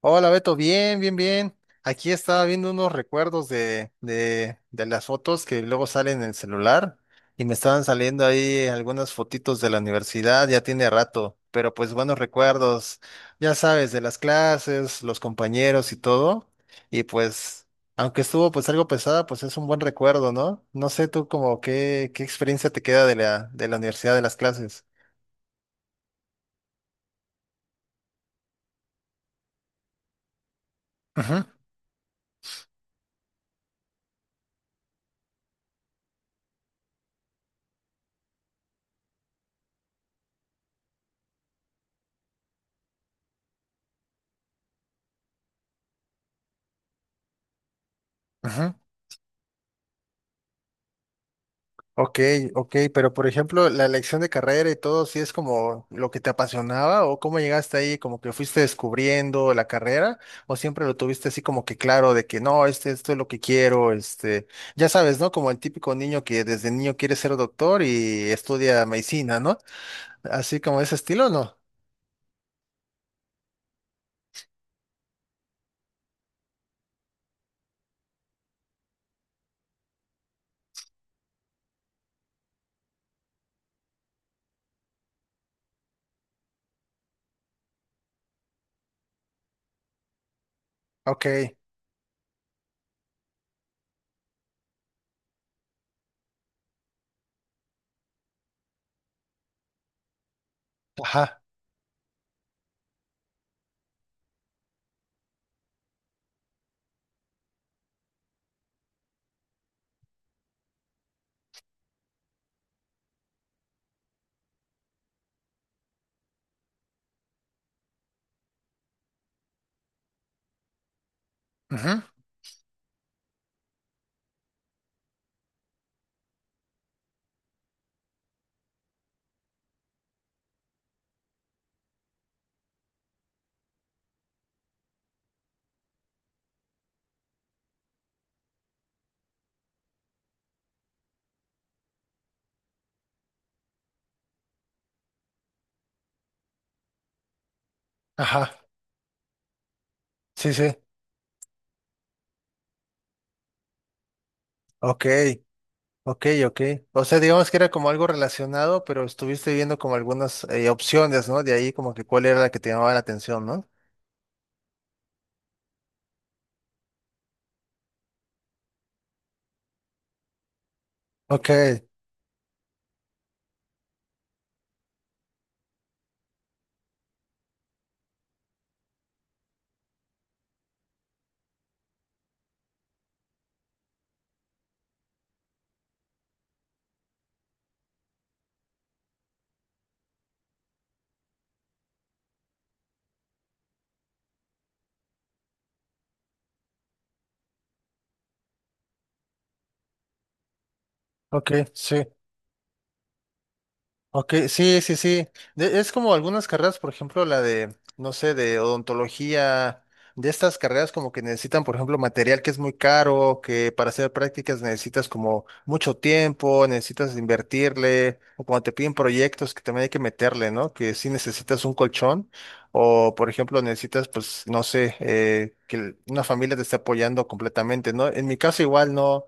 Hola Beto, bien, bien, bien. Aquí estaba viendo unos recuerdos de las fotos que luego salen en el celular y me estaban saliendo ahí algunas fotitos de la universidad, ya tiene rato, pero pues buenos recuerdos, ya sabes, de las clases, los compañeros y todo. Y pues, aunque estuvo pues algo pesada, pues es un buen recuerdo, ¿no? No sé tú como qué experiencia te queda de la universidad, de las clases. Ujú, ujú. Ok, ok, pero por ejemplo, la elección de carrera y todo, ¿sí es como lo que te apasionaba o cómo llegaste ahí, como que fuiste descubriendo la carrera o siempre lo tuviste así como que claro de que no, esto es lo que quiero, ya sabes, ¿no? Como el típico niño que desde niño quiere ser doctor y estudia medicina, ¿no? Así como ese estilo, ¿no? Ok, ajá, ujú, ajá, sí, sí, ok. Ok, ok. O sea, digamos que era como algo relacionado, pero estuviste viendo como algunas opciones, ¿no? De ahí como que cuál era la que te llamaba la atención, ¿no? Ok, ok, sí. Ok, sí, sí, sí. Es como algunas carreras, por ejemplo, la de, no sé, de odontología, de estas carreras como que necesitan, por ejemplo, material que es muy caro, que para hacer prácticas necesitas como mucho tiempo, necesitas invertirle, o cuando te piden proyectos que también hay que meterle, ¿no? Que sí necesitas un colchón, o por ejemplo, necesitas, pues, no sé, que una familia te esté apoyando completamente, ¿no? En mi caso igual no.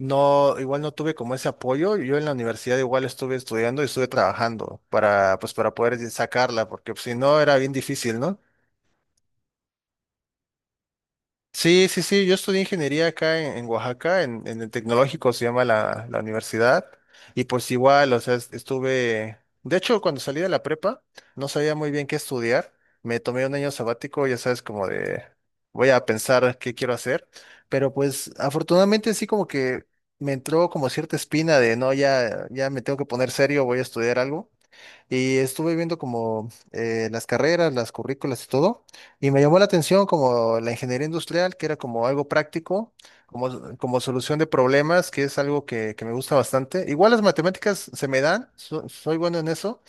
No, igual no tuve como ese apoyo. Yo en la universidad igual estuve estudiando y estuve trabajando para, pues, para poder sacarla, porque pues, si no era bien difícil, ¿no? Sí, sí, sí, yo estudié ingeniería acá en Oaxaca, en el tecnológico se llama la universidad, y pues igual, o sea, estuve, de hecho, cuando salí de la prepa, no sabía muy bien qué estudiar, me tomé un año sabático, ya sabes, como de, voy a pensar qué quiero hacer, pero pues afortunadamente sí como que me entró como cierta espina de, no, ya me tengo que poner serio, voy a estudiar algo, y estuve viendo como las carreras, las currículas y todo, y me llamó la atención como la ingeniería industrial, que era como algo práctico, como, como solución de problemas, que es algo que me gusta bastante. Igual las matemáticas se me dan, soy bueno en eso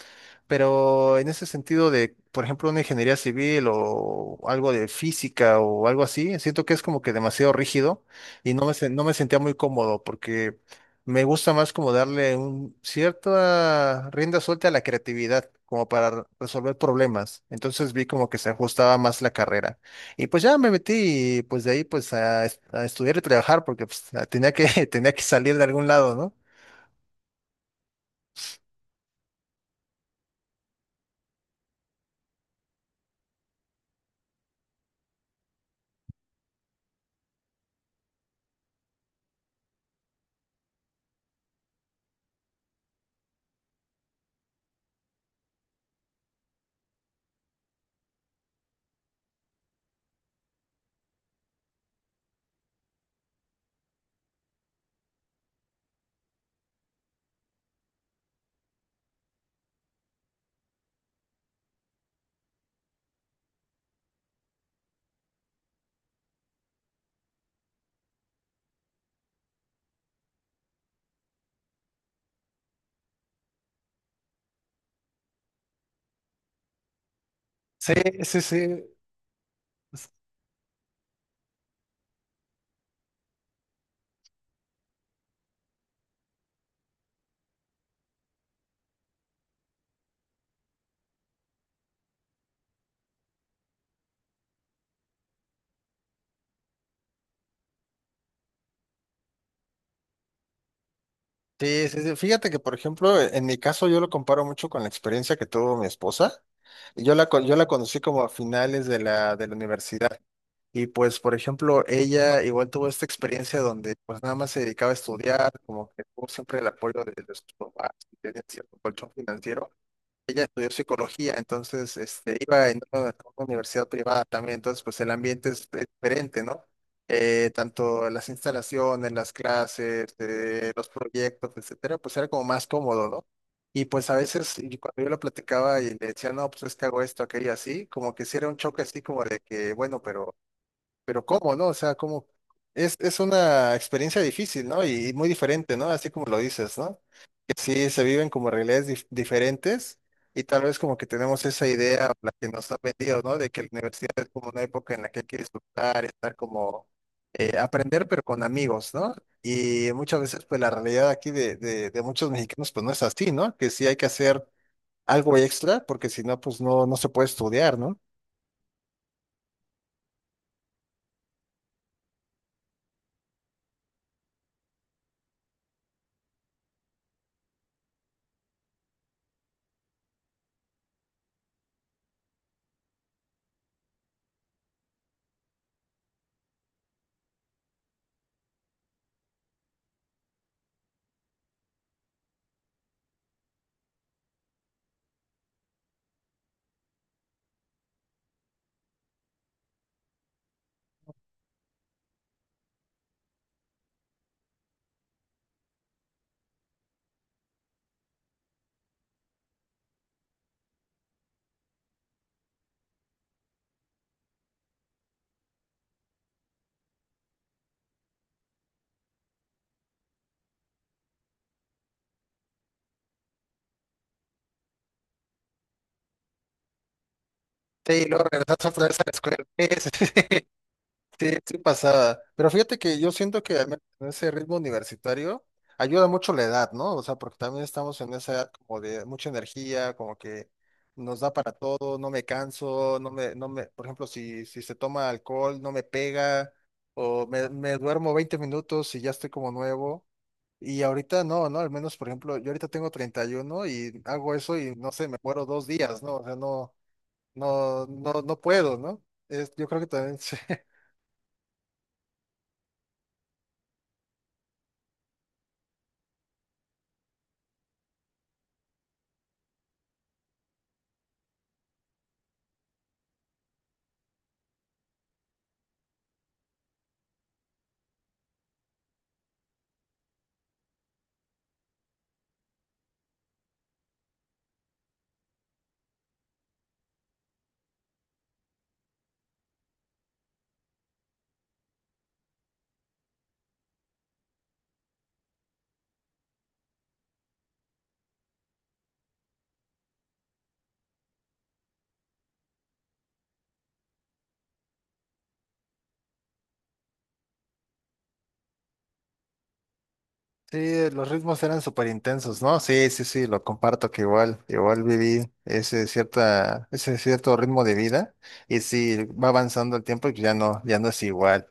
pero en ese sentido de, por ejemplo, una ingeniería civil o algo de física o algo así, siento que es como que demasiado rígido y no me, no me sentía muy cómodo porque me gusta más como darle un cierta rienda suelta a la creatividad, como para resolver problemas. Entonces vi como que se ajustaba más la carrera. Y pues ya me metí y pues de ahí pues a, a estudiar y trabajar porque pues, tenía que, tenía que salir de algún lado, ¿no? Sí, sí, sí. Sí, sí, sí. Fíjate que, por ejemplo, en mi caso yo lo comparo mucho con la experiencia que tuvo mi esposa. Yo la, yo la conocí como a finales de la universidad. Y pues, por ejemplo, ella igual tuvo esta experiencia donde pues nada más se dedicaba a estudiar, como que tuvo siempre el apoyo de sus papás, tenía cierto colchón financiero ella estudió psicología, entonces iba en una universidad privada también, entonces pues el ambiente es diferente, ¿no? Tanto las instalaciones, las clases, los proyectos, etcétera, pues era como más cómodo, ¿no? Y pues a veces y cuando yo lo platicaba y le decía, no, pues es que hago esto, aquello así, como que sí era un choque así como de que, bueno, pero ¿cómo, no? O sea, ¿cómo? Es una experiencia difícil, ¿no? Y muy diferente, ¿no? Así como lo dices, ¿no? Que sí se viven como realidades diferentes y tal vez como que tenemos esa idea, o la que nos ha vendido, ¿no? De que la universidad es como una época en la que hay que disfrutar, estar como, aprender, pero con amigos, ¿no? Y muchas veces, pues la realidad aquí de muchos mexicanos, pues no es así, ¿no? Que sí hay que hacer algo extra porque si no, pues no, no se puede estudiar, ¿no? Sí, y luego regresas otra vez a la escuela. Sí, sí pasaba. Pero fíjate que yo siento que al menos en ese ritmo universitario ayuda mucho la edad, ¿no? O sea, porque también estamos en esa edad como de mucha energía, como que nos da para todo, no me canso, no me, no me, por ejemplo, si, si se toma alcohol, no me pega, o me duermo 20 minutos y ya estoy como nuevo. Y ahorita no, ¿no? Al menos, por ejemplo, yo ahorita tengo 31 y uno y hago eso y no sé, me muero 2 días, ¿no? O sea, no, no, no, no puedo, ¿no? Es, yo creo que también sí. Sí, los ritmos eran súper intensos, ¿no? Sí, sí, sí, lo comparto que igual, igual viví ese cierto ritmo de vida y sí, va avanzando el tiempo y ya no es igual.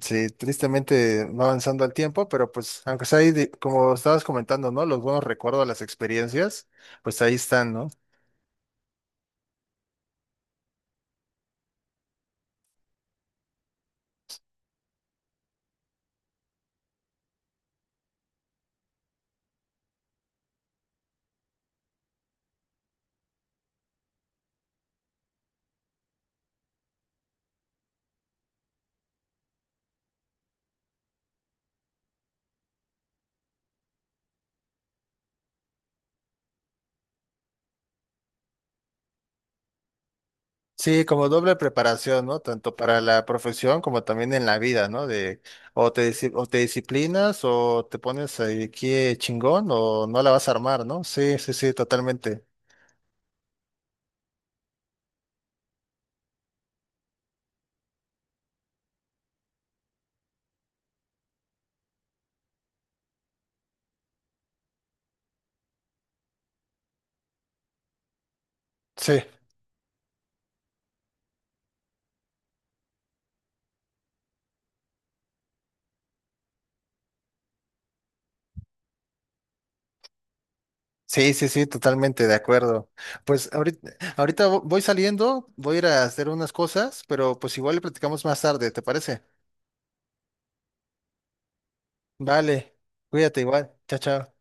Sí, tristemente va avanzando el tiempo, pero pues aunque sea ahí, como estabas comentando, ¿no? Los buenos recuerdos, las experiencias, pues ahí están, ¿no? Sí, como doble preparación, ¿no? Tanto para la profesión como también en la vida, ¿no? De o te, o te disciplinas o te pones ahí aquí chingón o no la vas a armar, ¿no? Sí, sí, sí, totalmente. Sí, sí, sí, sí, totalmente de acuerdo. Pues ahorita voy saliendo, voy a ir a hacer unas cosas, pero pues igual le platicamos más tarde, ¿te parece? Vale, cuídate igual. Chao, chao.